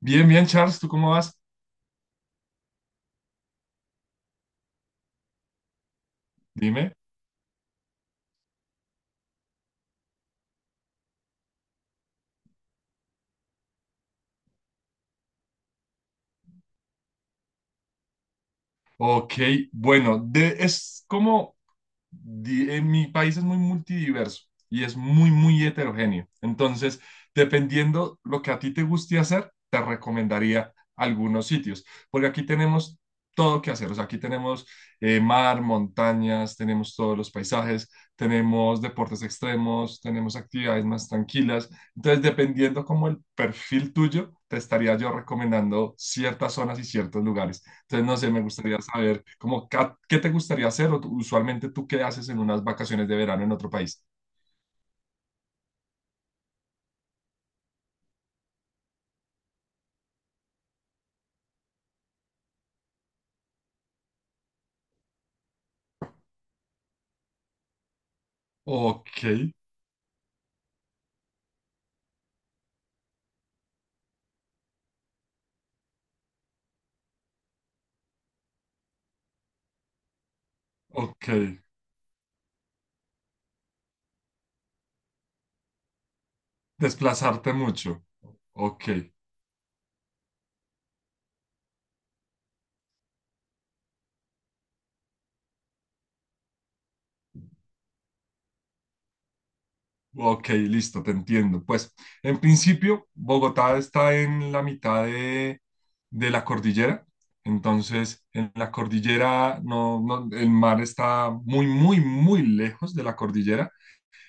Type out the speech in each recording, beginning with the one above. Bien, bien, Charles, ¿tú cómo vas? Dime. Ok, bueno, es como mi país es muy multidiverso y es muy, muy heterogéneo. Entonces, dependiendo lo que a ti te guste hacer, te recomendaría algunos sitios, porque aquí tenemos todo que hacer. O sea, aquí tenemos mar, montañas, tenemos todos los paisajes, tenemos deportes extremos, tenemos actividades más tranquilas. Entonces, dependiendo como el perfil tuyo, te estaría yo recomendando ciertas zonas y ciertos lugares. Entonces, no sé, me gustaría saber, como, ¿qué te gustaría hacer? O usualmente, ¿tú qué haces en unas vacaciones de verano en otro país? Ok, ok. Desplazarte mucho. Ok, ok, listo, te entiendo. Pues, en principio, Bogotá está en la mitad de la cordillera. Entonces, en la cordillera, no, no, el mar está muy, muy, muy lejos de la cordillera.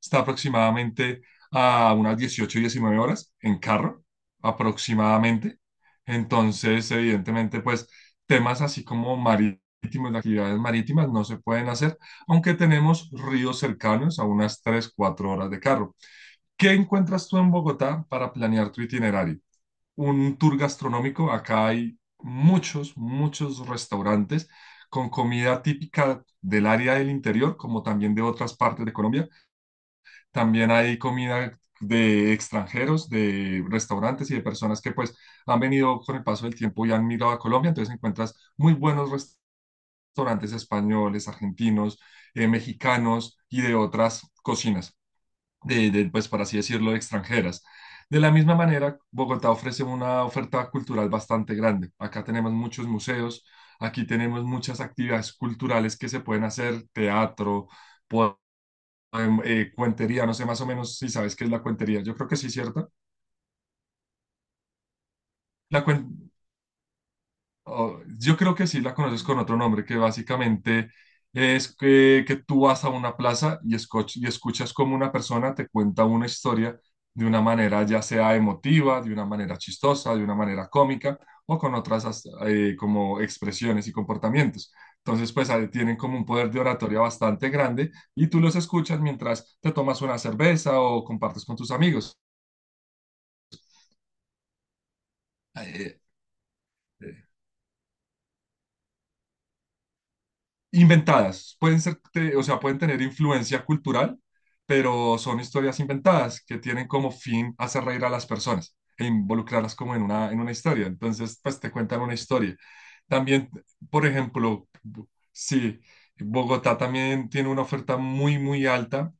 Está aproximadamente a unas 18 19 horas en carro, aproximadamente. Entonces, evidentemente, pues temas así como marítimos, de actividades marítimas no se pueden hacer, aunque tenemos ríos cercanos a unas 3 4 horas de carro. ¿Qué encuentras tú en Bogotá para planear tu itinerario? Un tour gastronómico, acá hay muchos, muchos restaurantes con comida típica del área del interior, como también de otras partes de Colombia. También hay comida de extranjeros, de restaurantes y de personas que pues han venido con el paso del tiempo y han migrado a Colombia. Entonces encuentras muy buenos restaurantes españoles, argentinos, mexicanos y de otras cocinas, pues por así decirlo, extranjeras. De la misma manera, Bogotá ofrece una oferta cultural bastante grande. Acá tenemos muchos museos, aquí tenemos muchas actividades culturales que se pueden hacer, teatro, cuentería, no sé más o menos si sabes qué es la cuentería. Yo creo que sí, ¿cierto? La cuen- oh, yo creo que sí la conoces con otro nombre, que básicamente es que tú vas a una plaza y escuchas como una persona te cuenta una historia de una manera ya sea emotiva, de una manera chistosa, de una manera cómica o con otras como expresiones y comportamientos. Entonces, pues ahí tienen como un poder de oratoria bastante grande y tú los escuchas mientras te tomas una cerveza o compartes con tus amigos. Eh, eh, Inventadas. Pueden ser, o sea, pueden tener influencia cultural, pero son historias inventadas que tienen como fin hacer reír a las personas e involucrarlas como en una historia. Entonces, pues te cuentan una historia. También, por ejemplo, sí, Bogotá también tiene una oferta muy, muy alta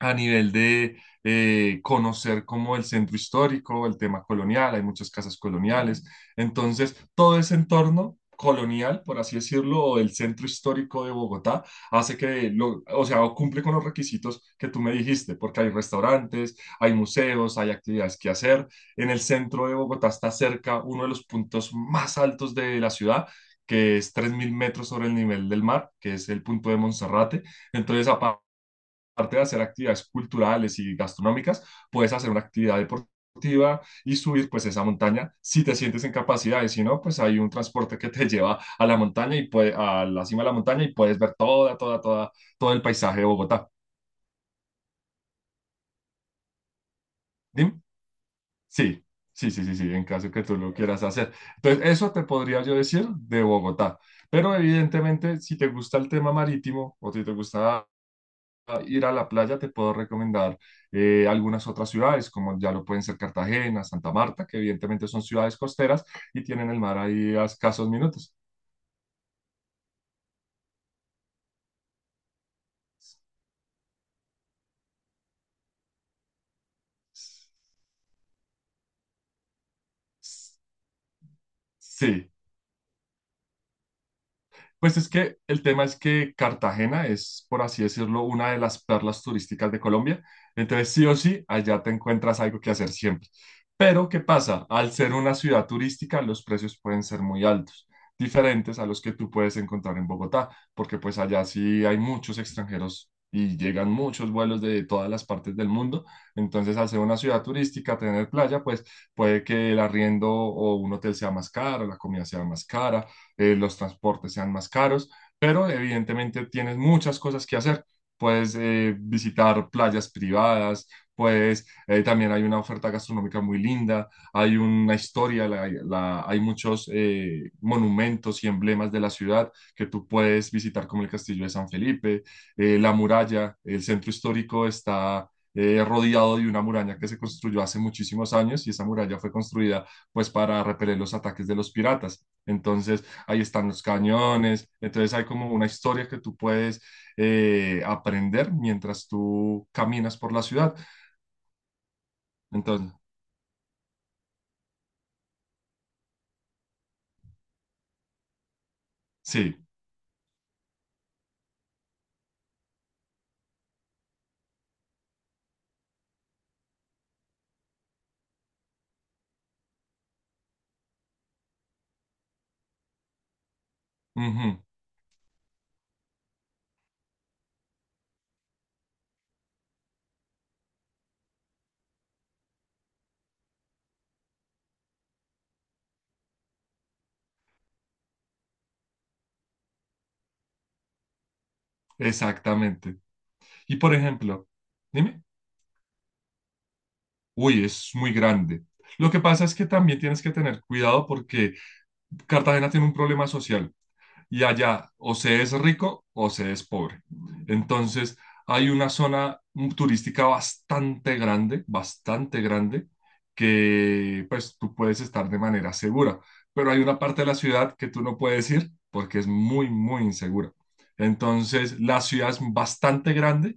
a nivel de conocer como el centro histórico, el tema colonial, hay muchas casas coloniales. Entonces, todo ese entorno colonial, por así decirlo, o del centro histórico de Bogotá, hace que, o sea, o cumple con los requisitos que tú me dijiste, porque hay restaurantes, hay museos, hay actividades que hacer. En el centro de Bogotá está cerca uno de los puntos más altos de la ciudad, que es 3.000 metros sobre el nivel del mar, que es el punto de Monserrate. Entonces, aparte de hacer actividades culturales y gastronómicas, puedes hacer una actividad deportiva y subir pues esa montaña si te sientes en capacidad y si no, pues hay un transporte que te lleva a la montaña y a la cima de la montaña y puedes ver todo el paisaje de Bogotá. Dime. Sí, sí, sí, sí, sí, en caso que tú lo quieras hacer. Entonces, eso te podría yo decir de Bogotá. Pero evidentemente, si te gusta el tema marítimo o si te gusta ir a la playa, te puedo recomendar algunas otras ciudades, como ya lo pueden ser Cartagena, Santa Marta, que evidentemente son ciudades costeras y tienen el mar ahí a escasos minutos. Sí. Pues es que el tema es que Cartagena es, por así decirlo, una de las perlas turísticas de Colombia. Entonces, sí o sí, allá te encuentras algo que hacer siempre. Pero, ¿qué pasa? Al ser una ciudad turística, los precios pueden ser muy altos, diferentes a los que tú puedes encontrar en Bogotá, porque pues allá sí hay muchos extranjeros y llegan muchos vuelos de todas las partes del mundo. Entonces, al ser una ciudad turística, tener playa, pues puede que el arriendo o un hotel sea más caro, la comida sea más cara, los transportes sean más caros, pero evidentemente tienes muchas cosas que hacer. Puedes visitar playas privadas, pues también hay una oferta gastronómica muy linda, hay una historia, hay muchos monumentos y emblemas de la ciudad que tú puedes visitar, como el Castillo de San Felipe, la muralla, el centro histórico está rodeado de una muralla que se construyó hace muchísimos años y esa muralla fue construida pues para repeler los ataques de los piratas. Entonces, ahí están los cañones, entonces hay como una historia que tú puedes aprender mientras tú caminas por la ciudad. Entonces, sí, ujú, exactamente. Y por ejemplo, dime, uy, es muy grande. Lo que pasa es que también tienes que tener cuidado porque Cartagena tiene un problema social. Y allá o se es rico o se es pobre. Entonces, hay una zona turística bastante grande, que pues tú puedes estar de manera segura, pero hay una parte de la ciudad que tú no puedes ir porque es muy, muy insegura. Entonces, la ciudad es bastante grande,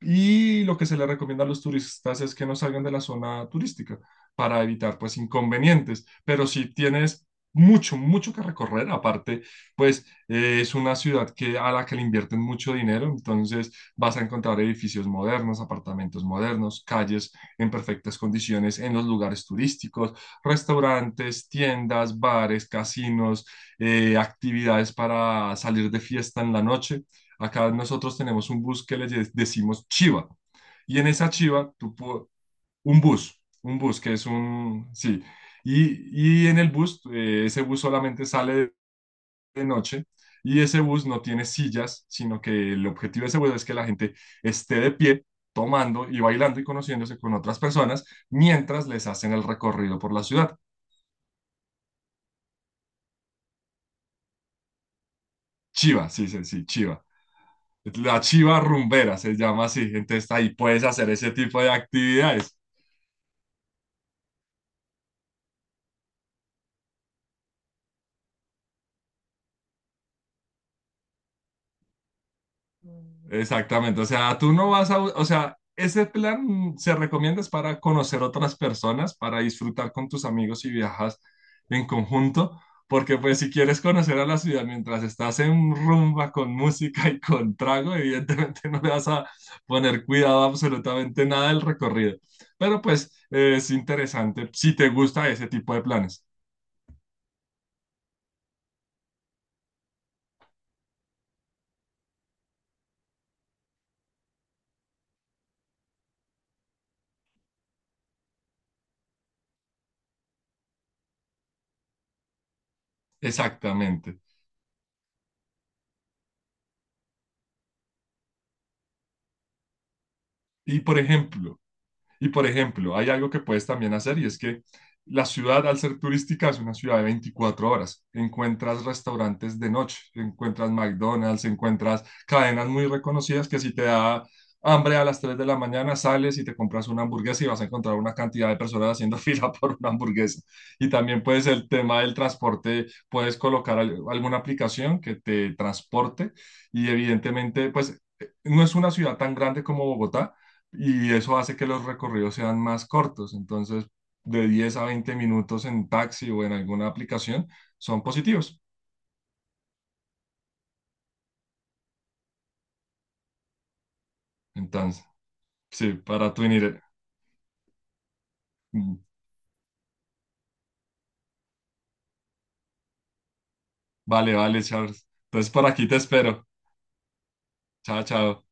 y lo que se le recomienda a los turistas es que no salgan de la zona turística para evitar pues inconvenientes. Pero si tienes mucho, mucho que recorrer, aparte pues es una ciudad a la que le invierten mucho dinero, entonces vas a encontrar edificios modernos, apartamentos modernos, calles en perfectas condiciones en los lugares turísticos, restaurantes, tiendas, bares, casinos, actividades para salir de fiesta en la noche. Acá nosotros tenemos un bus que le decimos chiva. Y en esa chiva, un bus que es un, sí. Y en el bus, ese bus solamente sale de noche y ese bus no tiene sillas, sino que el objetivo de ese bus es que la gente esté de pie, tomando y bailando y conociéndose con otras personas mientras les hacen el recorrido por la ciudad. Chiva, sí, sí, sí, chiva. La chiva rumbera se llama así. Entonces ahí puedes hacer ese tipo de actividades. Exactamente, o sea, tú no vas a, o sea, ese plan se recomienda es para conocer otras personas, para disfrutar con tus amigos y viajas en conjunto, porque pues si quieres conocer a la ciudad mientras estás en rumba con música y con trago, evidentemente no le vas a poner cuidado a absolutamente nada del recorrido, pero pues es interesante si te gusta ese tipo de planes. Exactamente. Y por ejemplo, Y por ejemplo, hay algo que puedes también hacer y es que la ciudad, al ser turística, es una ciudad de 24 horas. Encuentras restaurantes de noche, encuentras McDonald's, encuentras cadenas muy reconocidas que si te da hambre a las 3 de la mañana, sales y te compras una hamburguesa y vas a encontrar una cantidad de personas haciendo fila por una hamburguesa. Y también puedes el tema del transporte, puedes colocar alguna aplicación que te transporte y evidentemente, pues no es una ciudad tan grande como Bogotá, y eso hace que los recorridos sean más cortos. Entonces, de 10 a 20 minutos en taxi o en alguna aplicación son positivos. Entonces, sí, para tu. Vale, vale, Charles. Entonces, por aquí te espero. Chao, chao.